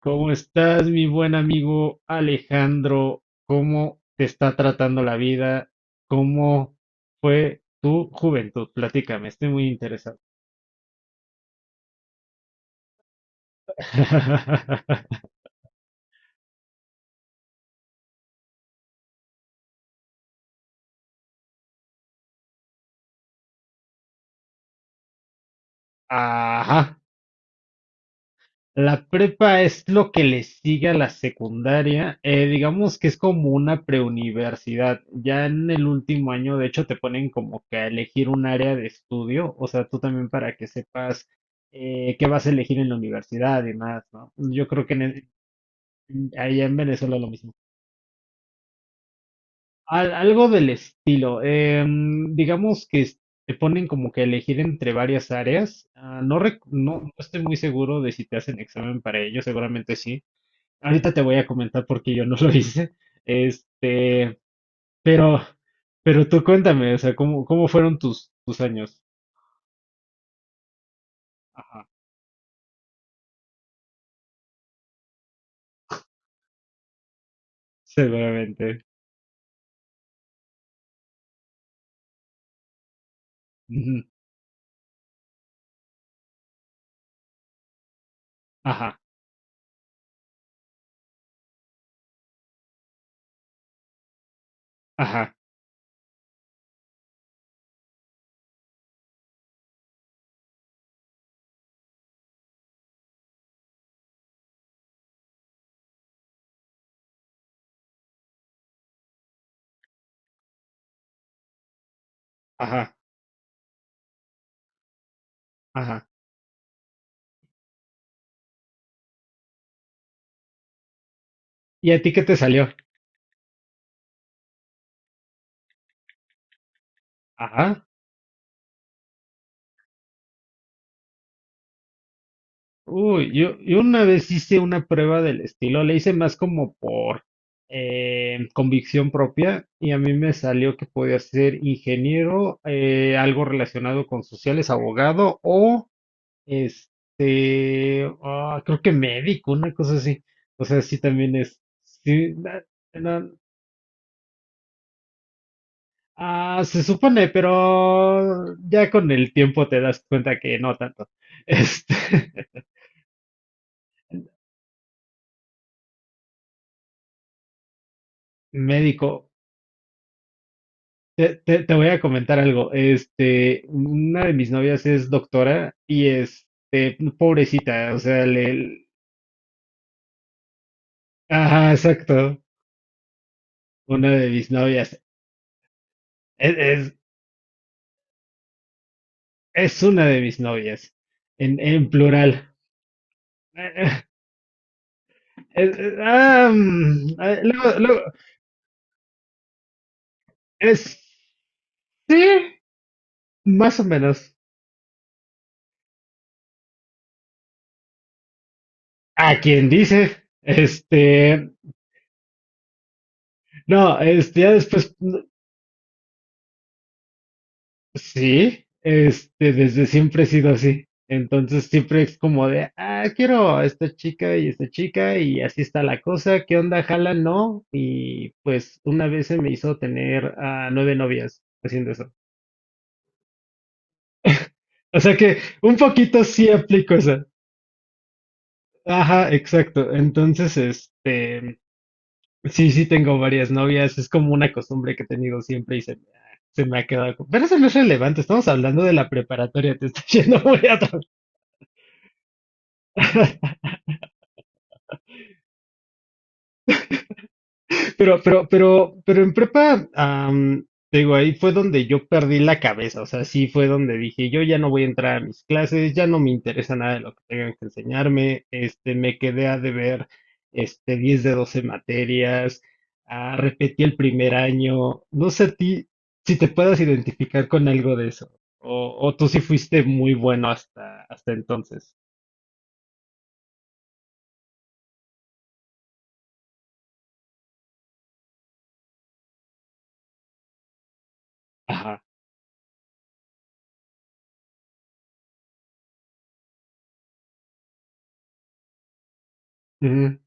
¿Cómo estás, mi buen amigo Alejandro? ¿Cómo te está tratando la vida? ¿Cómo fue tu juventud? Platícame, estoy muy interesado. Ajá. La prepa es lo que le sigue a la secundaria. Digamos que es como una preuniversidad. Ya en el último año, de hecho, te ponen como que a elegir un área de estudio. O sea, tú también para que sepas qué vas a elegir en la universidad y más, ¿no? Yo creo que en, e- Allá en Venezuela lo mismo. Algo del estilo. Te ponen como que a elegir entre varias áreas. Ah, no, no estoy muy seguro de si te hacen examen para ello, seguramente sí. Ahorita te voy a comentar porque yo no lo hice. Este, pero, pero tú cuéntame, o sea, ¿cómo fueron tus años? Ajá. Seguramente. Ujú. Ajá, ajá, ajá, ajá. ¿Y a ti qué te salió? Ajá. Uy, yo una vez hice una prueba del estilo, le hice más como por convicción propia y a mí me salió que podía ser ingeniero, algo relacionado con sociales, abogado o creo que médico, una cosa así. O sea, sí también es, sí, na- se supone, pero ya con el tiempo te das cuenta que no tanto. Este, médico. Te voy a comentar algo. Una de mis novias es doctora y este, pobrecita, o sea, le, ajá, exacto. Una de mis novias. Es, es, es una de mis novias. En plural. Es- es- ah, mm, ah, luego- luego, es, sí, más o menos. A quien dice, este, no, este, ya después. Sí, este, desde siempre he sido así. Entonces siempre es como de, ah, quiero a esta chica y así está la cosa, ¿qué onda? ¿Jala? No. Y pues una vez se me hizo tener a nueve novias haciendo eso. O sea que un poquito sí aplico eso. Ajá, exacto. Entonces, este, sí tengo varias novias. Es como una costumbre que he tenido siempre y se me ha quedado. Pero eso no es relevante. Estamos hablando de la preparatoria. Te estoy yendo muy atrás. Pero en prepa, te digo, ahí fue donde yo perdí la cabeza, o sea, sí fue donde dije, yo ya no voy a entrar a mis clases, ya no me interesa nada de lo que tengan que enseñarme, este, me quedé a deber, este, 10 de 12 materias, ah, repetí el primer año, no sé a ti si te puedas identificar con algo de eso, o tú sí fuiste muy bueno hasta entonces. Ajá. Ujú.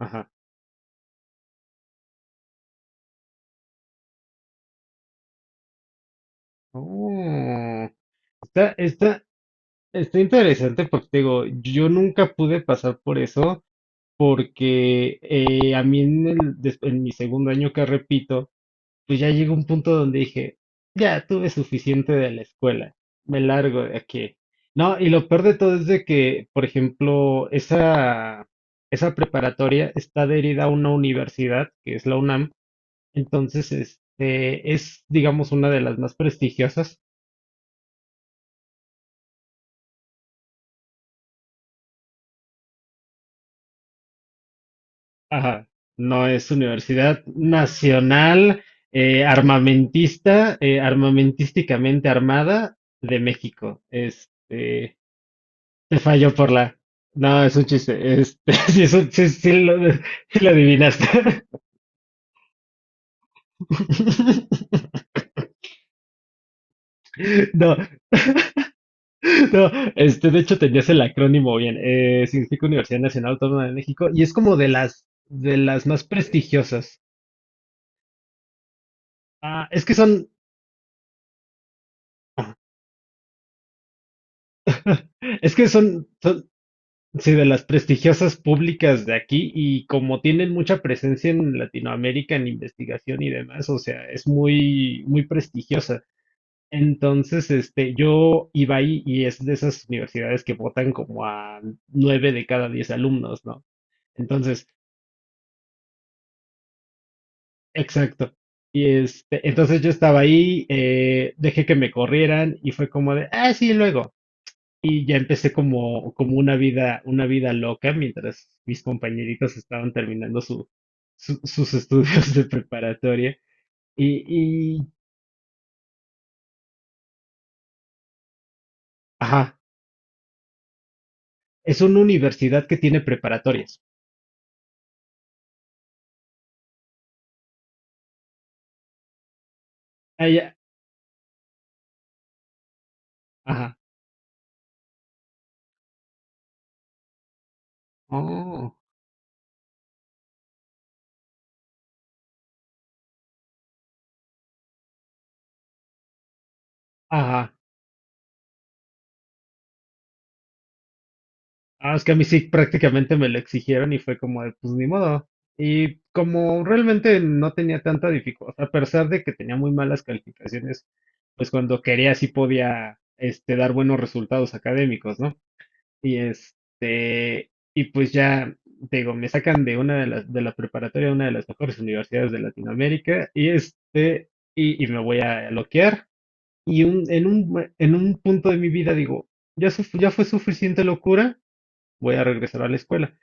Ajá. Oh. Está, está, está interesante porque te digo, yo nunca pude pasar por eso porque a mí en mi segundo año que repito, pues ya llegó un punto donde dije, ya tuve suficiente de la escuela, me largo de aquí. No, y lo peor de todo es de que, por ejemplo, esa preparatoria está adherida a una universidad, que es la UNAM, entonces este, es, digamos, una de las más prestigiosas. Ajá, no es Universidad Nacional Armamentista, armamentísticamente armada de México. Este, te falló por la. No, es un chiste. Este, sí, sí, sí lo adivinaste. No, no, este, de hecho tenías el acrónimo bien. Significa Universidad Nacional Autónoma de México y es como de las más prestigiosas. Ah, son sí, de las prestigiosas públicas de aquí y como tienen mucha presencia en Latinoamérica en investigación y demás, o sea, es muy prestigiosa. Entonces, este, yo iba ahí y es de esas universidades que votan como a nueve de cada diez alumnos, ¿no? Entonces, exacto. Y este, entonces yo estaba ahí, dejé que me corrieran y fue como de, ah, sí, luego. Y ya empecé como, como una vida loca mientras mis compañeritos estaban terminando su, sus estudios de preparatoria. Y, y, ajá, es una universidad que tiene preparatorias. Ah, ya, ajá. Oh, ajá. Ah, es que a mí sí prácticamente me lo exigieron y fue como de, pues ni modo. Y como realmente no tenía tanta dificultad, a pesar de que tenía muy malas calificaciones, pues cuando quería sí podía, este, dar buenos resultados académicos, ¿no? Y este, y pues ya, te digo, me sacan de la preparatoria, una de las mejores universidades de Latinoamérica, y este, y me voy a loquear. En un punto de mi vida digo, ya, ya fue suficiente locura, voy a regresar a la escuela.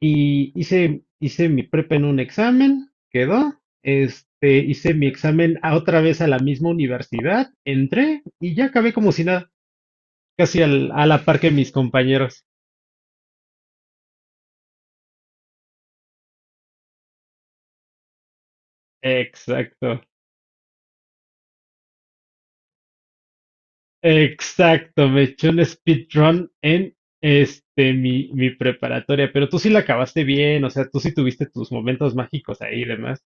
Y hice, hice mi prepa en un examen, quedó. Este, hice mi examen a otra vez a la misma universidad, entré y ya acabé como si nada, casi a la par que mis compañeros. Exacto. Exacto, me eché un speedrun en este mi, mi preparatoria, pero tú sí la acabaste bien, o sea, tú sí tuviste tus momentos mágicos ahí y demás.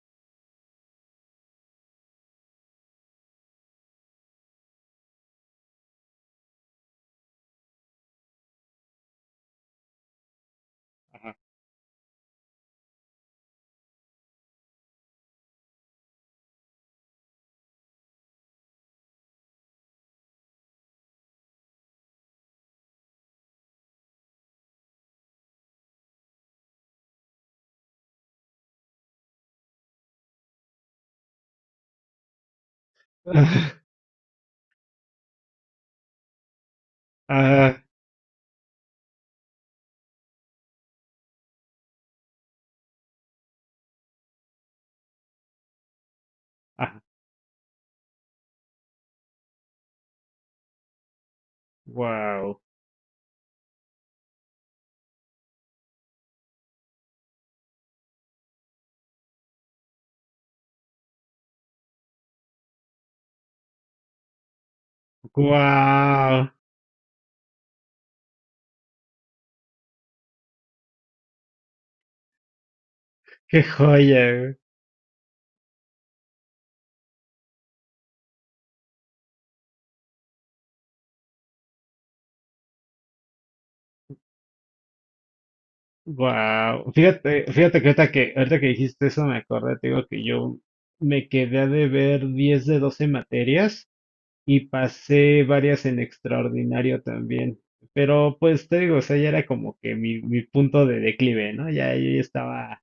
Ajá. Ah, ah, wow, wow, qué joya, wow. Fíjate, fíjate que ahorita que dijiste eso me acordé, te digo que yo me quedé a deber 10 de 12 materias y pasé varias en extraordinario también. Pero pues te digo, o sea, ya era como que mi punto de declive, ¿no? Ya yo ya estaba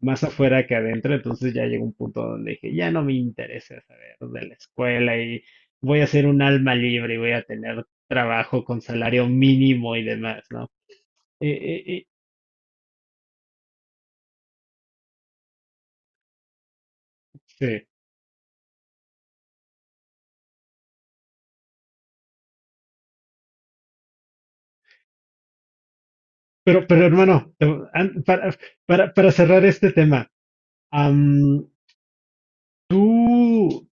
más afuera que adentro, entonces ya llegó un punto donde dije, ya no me interesa saber de la escuela y voy a ser un alma libre y voy a tener trabajo con salario mínimo y demás, ¿no? Eh, eh, eh, sí. Pero hermano, an- para, para cerrar este tema, ¿tú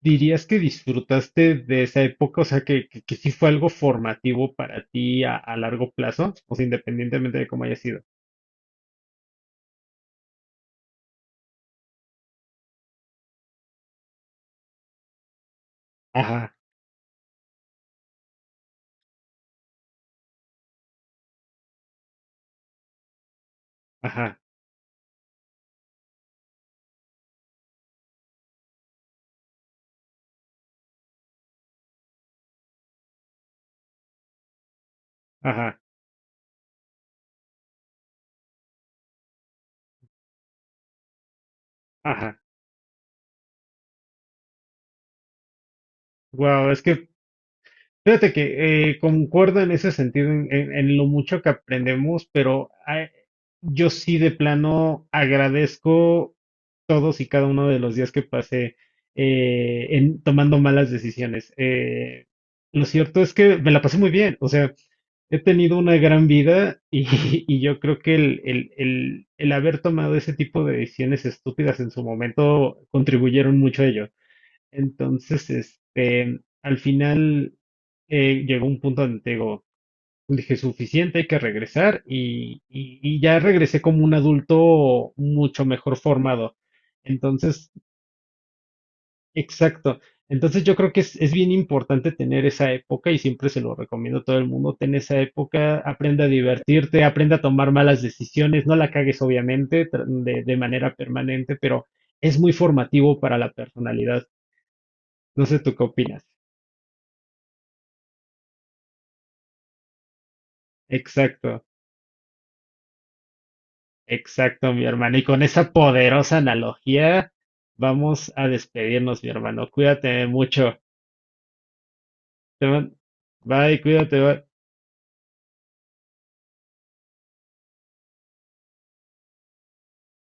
dirías que disfrutaste de esa época? O sea, que sí fue algo formativo para ti a largo plazo, o sea, independientemente de cómo haya sido. Ajá, ajá, ajá, ajá. Wow, es que fíjate que concuerdo en ese sentido, en lo mucho que aprendemos, pero yo sí de plano agradezco todos y cada uno de los días que pasé tomando malas decisiones. Lo cierto es que me la pasé muy bien, o sea, he tenido una gran vida y, y yo creo que el haber tomado ese tipo de decisiones estúpidas en su momento contribuyeron mucho a ello. Entonces, este, al final llegó un punto donde te digo, dije, suficiente, hay que regresar y ya regresé como un adulto mucho mejor formado. Entonces, exacto. Entonces yo creo que es bien importante tener esa época y siempre se lo recomiendo a todo el mundo, ten esa época, aprende a divertirte, aprende a tomar malas decisiones, no la cagues obviamente de manera permanente, pero es muy formativo para la personalidad. No sé tú qué opinas. Exacto. Exacto, mi hermano. Y con esa poderosa analogía vamos a despedirnos, mi hermano. Cuídate mucho. Te man- Bye, cuídate. Bye.